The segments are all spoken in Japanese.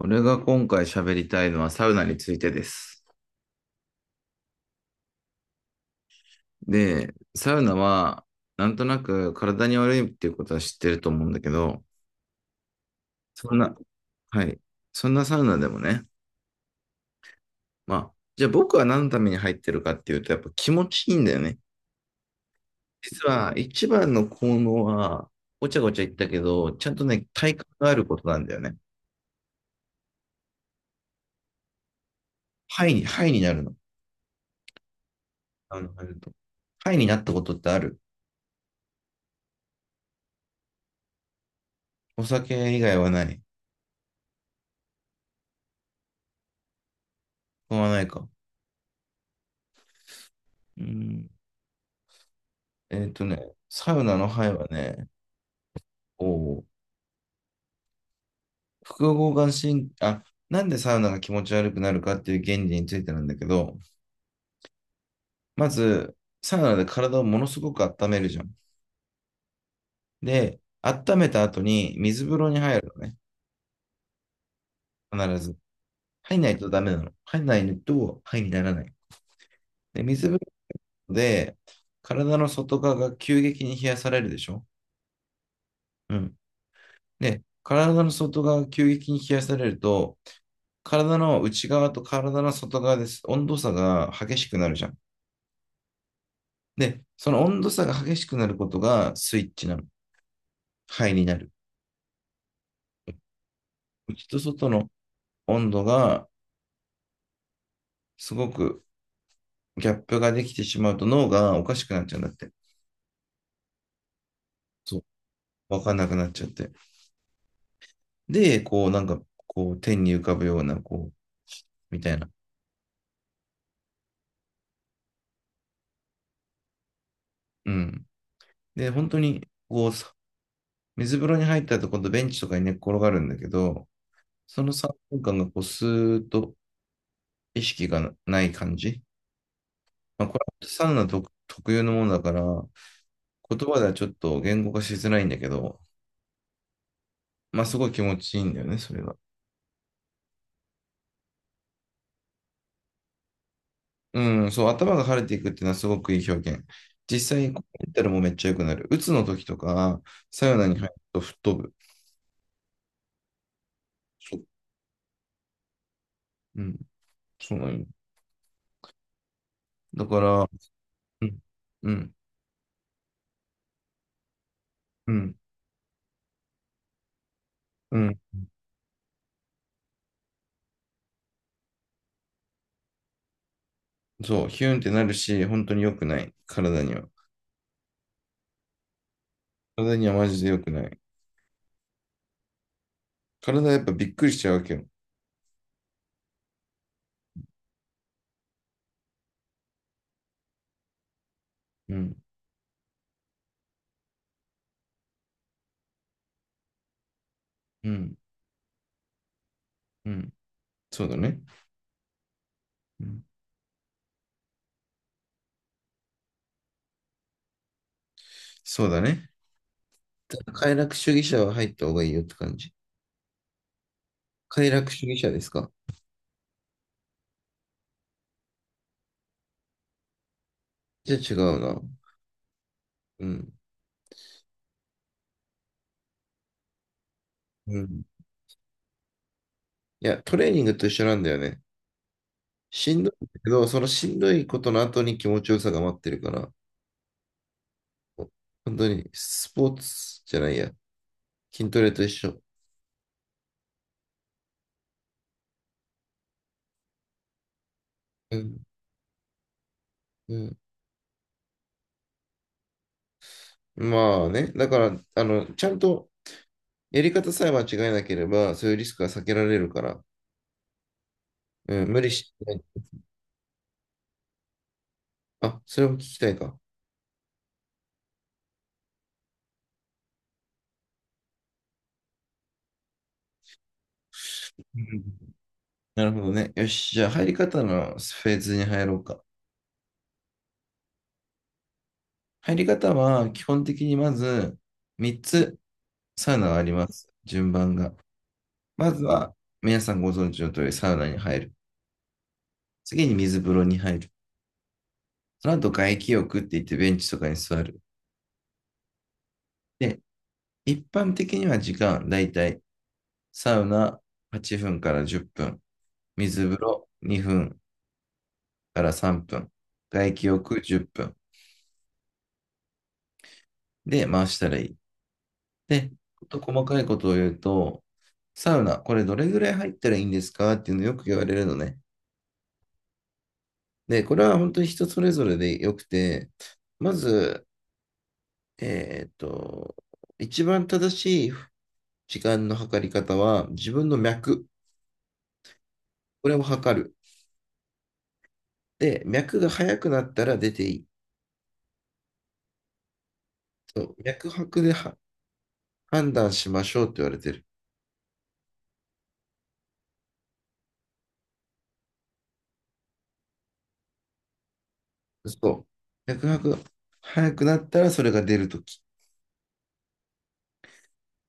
俺が今回喋りたいのはサウナについてです。で、サウナは、なんとなく体に悪いっていうことは知ってると思うんだけど、そんな、はい。そんなサウナでもね、まあ、じゃあ僕は何のために入ってるかっていうと、やっぱ気持ちいいんだよね。実は一番の効能は、ごちゃごちゃ言ったけど、ちゃんとね、体感があることなんだよね。ハイになるの。入ると。ハイになったことってある？お酒以外はない。他はないか。うん。サウナのハイはね、おう複合眼神、なんでサウナが気持ち悪くなるかっていう原理についてなんだけど、まず、サウナで体をものすごく温めるじゃん。で、温めた後に水風呂に入るのね、必ず。入んないとダメなの。入んないと、肺にならない。で、水風呂で、体の外側が急激に冷やされるでしょ？うん。で、体の外側が急激に冷やされると、体の内側と体の外側です。温度差が激しくなるじゃん。で、その温度差が激しくなることがスイッチなの。肺になる。内と外の温度がすごくギャップができてしまうと脳がおかしくなっちゃうんだって。そう。わかんなくなっちゃって。で、こうなんか、こう天に浮かぶような、こう、みたいな。うん。で、本当に、こう、水風呂に入ったと今度ベンチとかに寝っ転がるんだけど、その3分間がこうスーッと意識がない感じ。まあ、これはサウナ特、特有のものだから、言葉ではちょっと言語化しづらいんだけど、まあすごい気持ちいいんだよね、それが。うん、そう、頭が晴れていくっていうのはすごくいい表現。実際、こうメったらもうめっちゃ良くなる。鬱の時とか、サウナに入ると吹っ飛ぶ。そう、うん、そうなんよ。だから、うん、うん、うん、うん、そう、ヒュンってなるし、本当に良くない、体には。体にはマジで良くない。体やっぱびっくりしちゃうわけよ。うん、うん、うん。そうだね。うんそうだね。快楽主義者は入った方がいいよって感じ。快楽主義者ですか？じゃあ違うな。うん。うん。いや、トレーニングと一緒なんだよね。しんどいけど、そのしんどいことの後に気持ちよさが待ってるから、本当にスポーツじゃないや。筋トレと一緒。うん。うん。まあね、だから、ちゃんとやり方さえ間違えなければ、そういうリスクは避けられるから、うん、無理しない。あ、それを聞きたいか。うん、なるほどね。よし、じゃあ入り方のフェーズに入ろうか。入り方は基本的にまず3つサウナがあります。順番が。まずは皆さんご存知の通りサウナに入る。次に水風呂に入る。その後外気浴って言ってベンチとかに座る。で、一般的には時間、だいたいサウナ8分から10分、水風呂2分から3分、外気浴10分で回したらいい。で、ちょっと細かいことを言うと、サウナ、これどれぐらい入ったらいいんですかっていうのよく言われるのね。で、これは本当に人それぞれでよくて、まず、えっと、一番正しい時間の測り方は、自分の脈、これを測る。で、脈が速くなったら出ていい。そう脈拍では判断しましょうって言われてる。そう。脈拍が速くなったらそれが出るとき。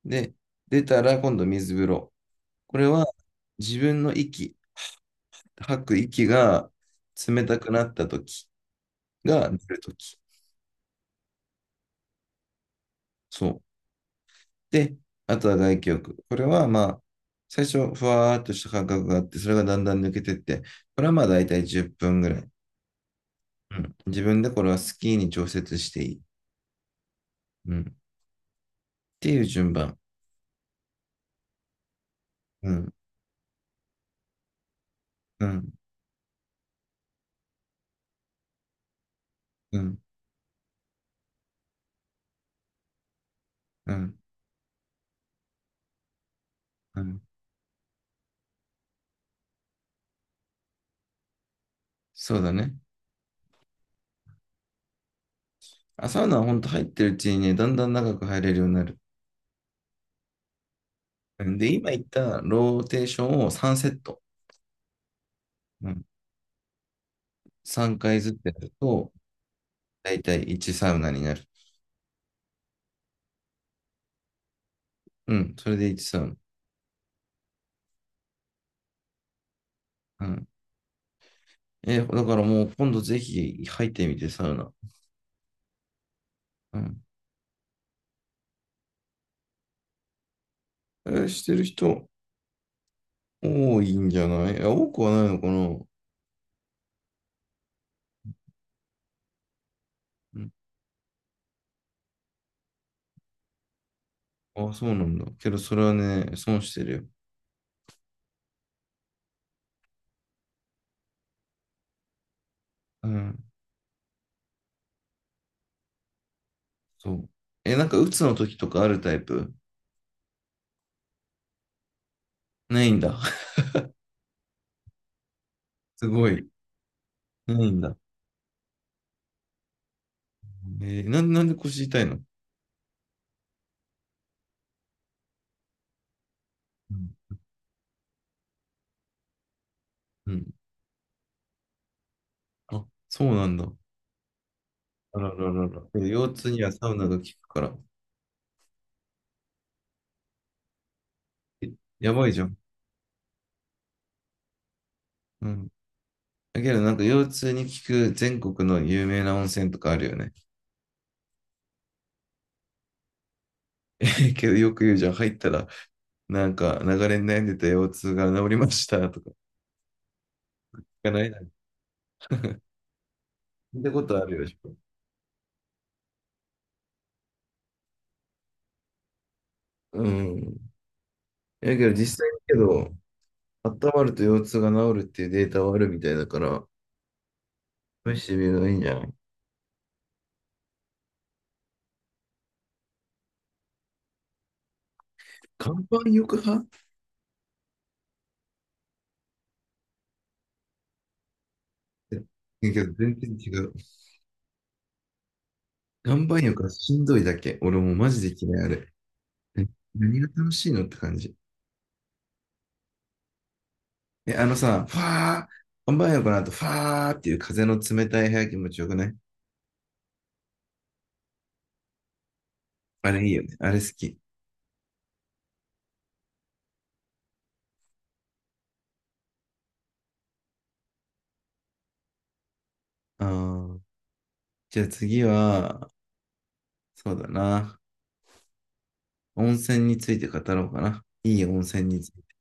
で、出たら今度水風呂。これは自分の息、吐く息が冷たくなった時が出る時。そう。で、あとは外気浴。これはまあ、最初、ふわーっとした感覚があって、それがだんだん抜けてって、これはまあ大体10分ぐらい。うん。自分でこれはスキーに調節していい。うん。っていう順番。うん。うん。うん。うん。うん。そうだね。あ、サウナは本当入ってるうちにね、だんだん長く入れるようになる。うんで、今言ったローテーションを3セット。うん3回ずつやると、だいたい1サウナになる。うん、それで1サウナ。うん。え、だからもう今度ぜひ入ってみて、サウナ。うん。えーしてる人多いんじゃない？いや多くはないのかな、うん、あ、そうなんだ。けどそれはね、損してるよ。うん、そう。え、なんか鬱の時とかあるタイプ？ないんだ。すごい。ないんだ。えー、なんなんで腰痛いの？うんうん。あ、そうなんだ。あらららら。え腰痛にはサウナが効くから。えやばいじゃん。うん。だけどなんか腰痛に効く全国の有名な温泉とかあるよね。けどよく言うじゃん、入ったらなんか流れに悩んでた腰痛が治りましたとか聞かないな。聞いたことあるよ。うん。だけど実際にけど、温まると腰痛が治るっていうデータはあるみたいだから、試してみるのがいいんじゃない？岩盤浴派って言うけど全然違う。岩盤浴はしんどいだけ。俺もうマジで嫌いあれ。え何が楽しいのって感じ。え、あのさ、ファー、本番よこなと、ファーっていう風の冷たい部屋気持ちよくない？あれいいよね。あれ好き。あー、じゃあ次は、そうだな。温泉について語ろうかな。いい温泉について。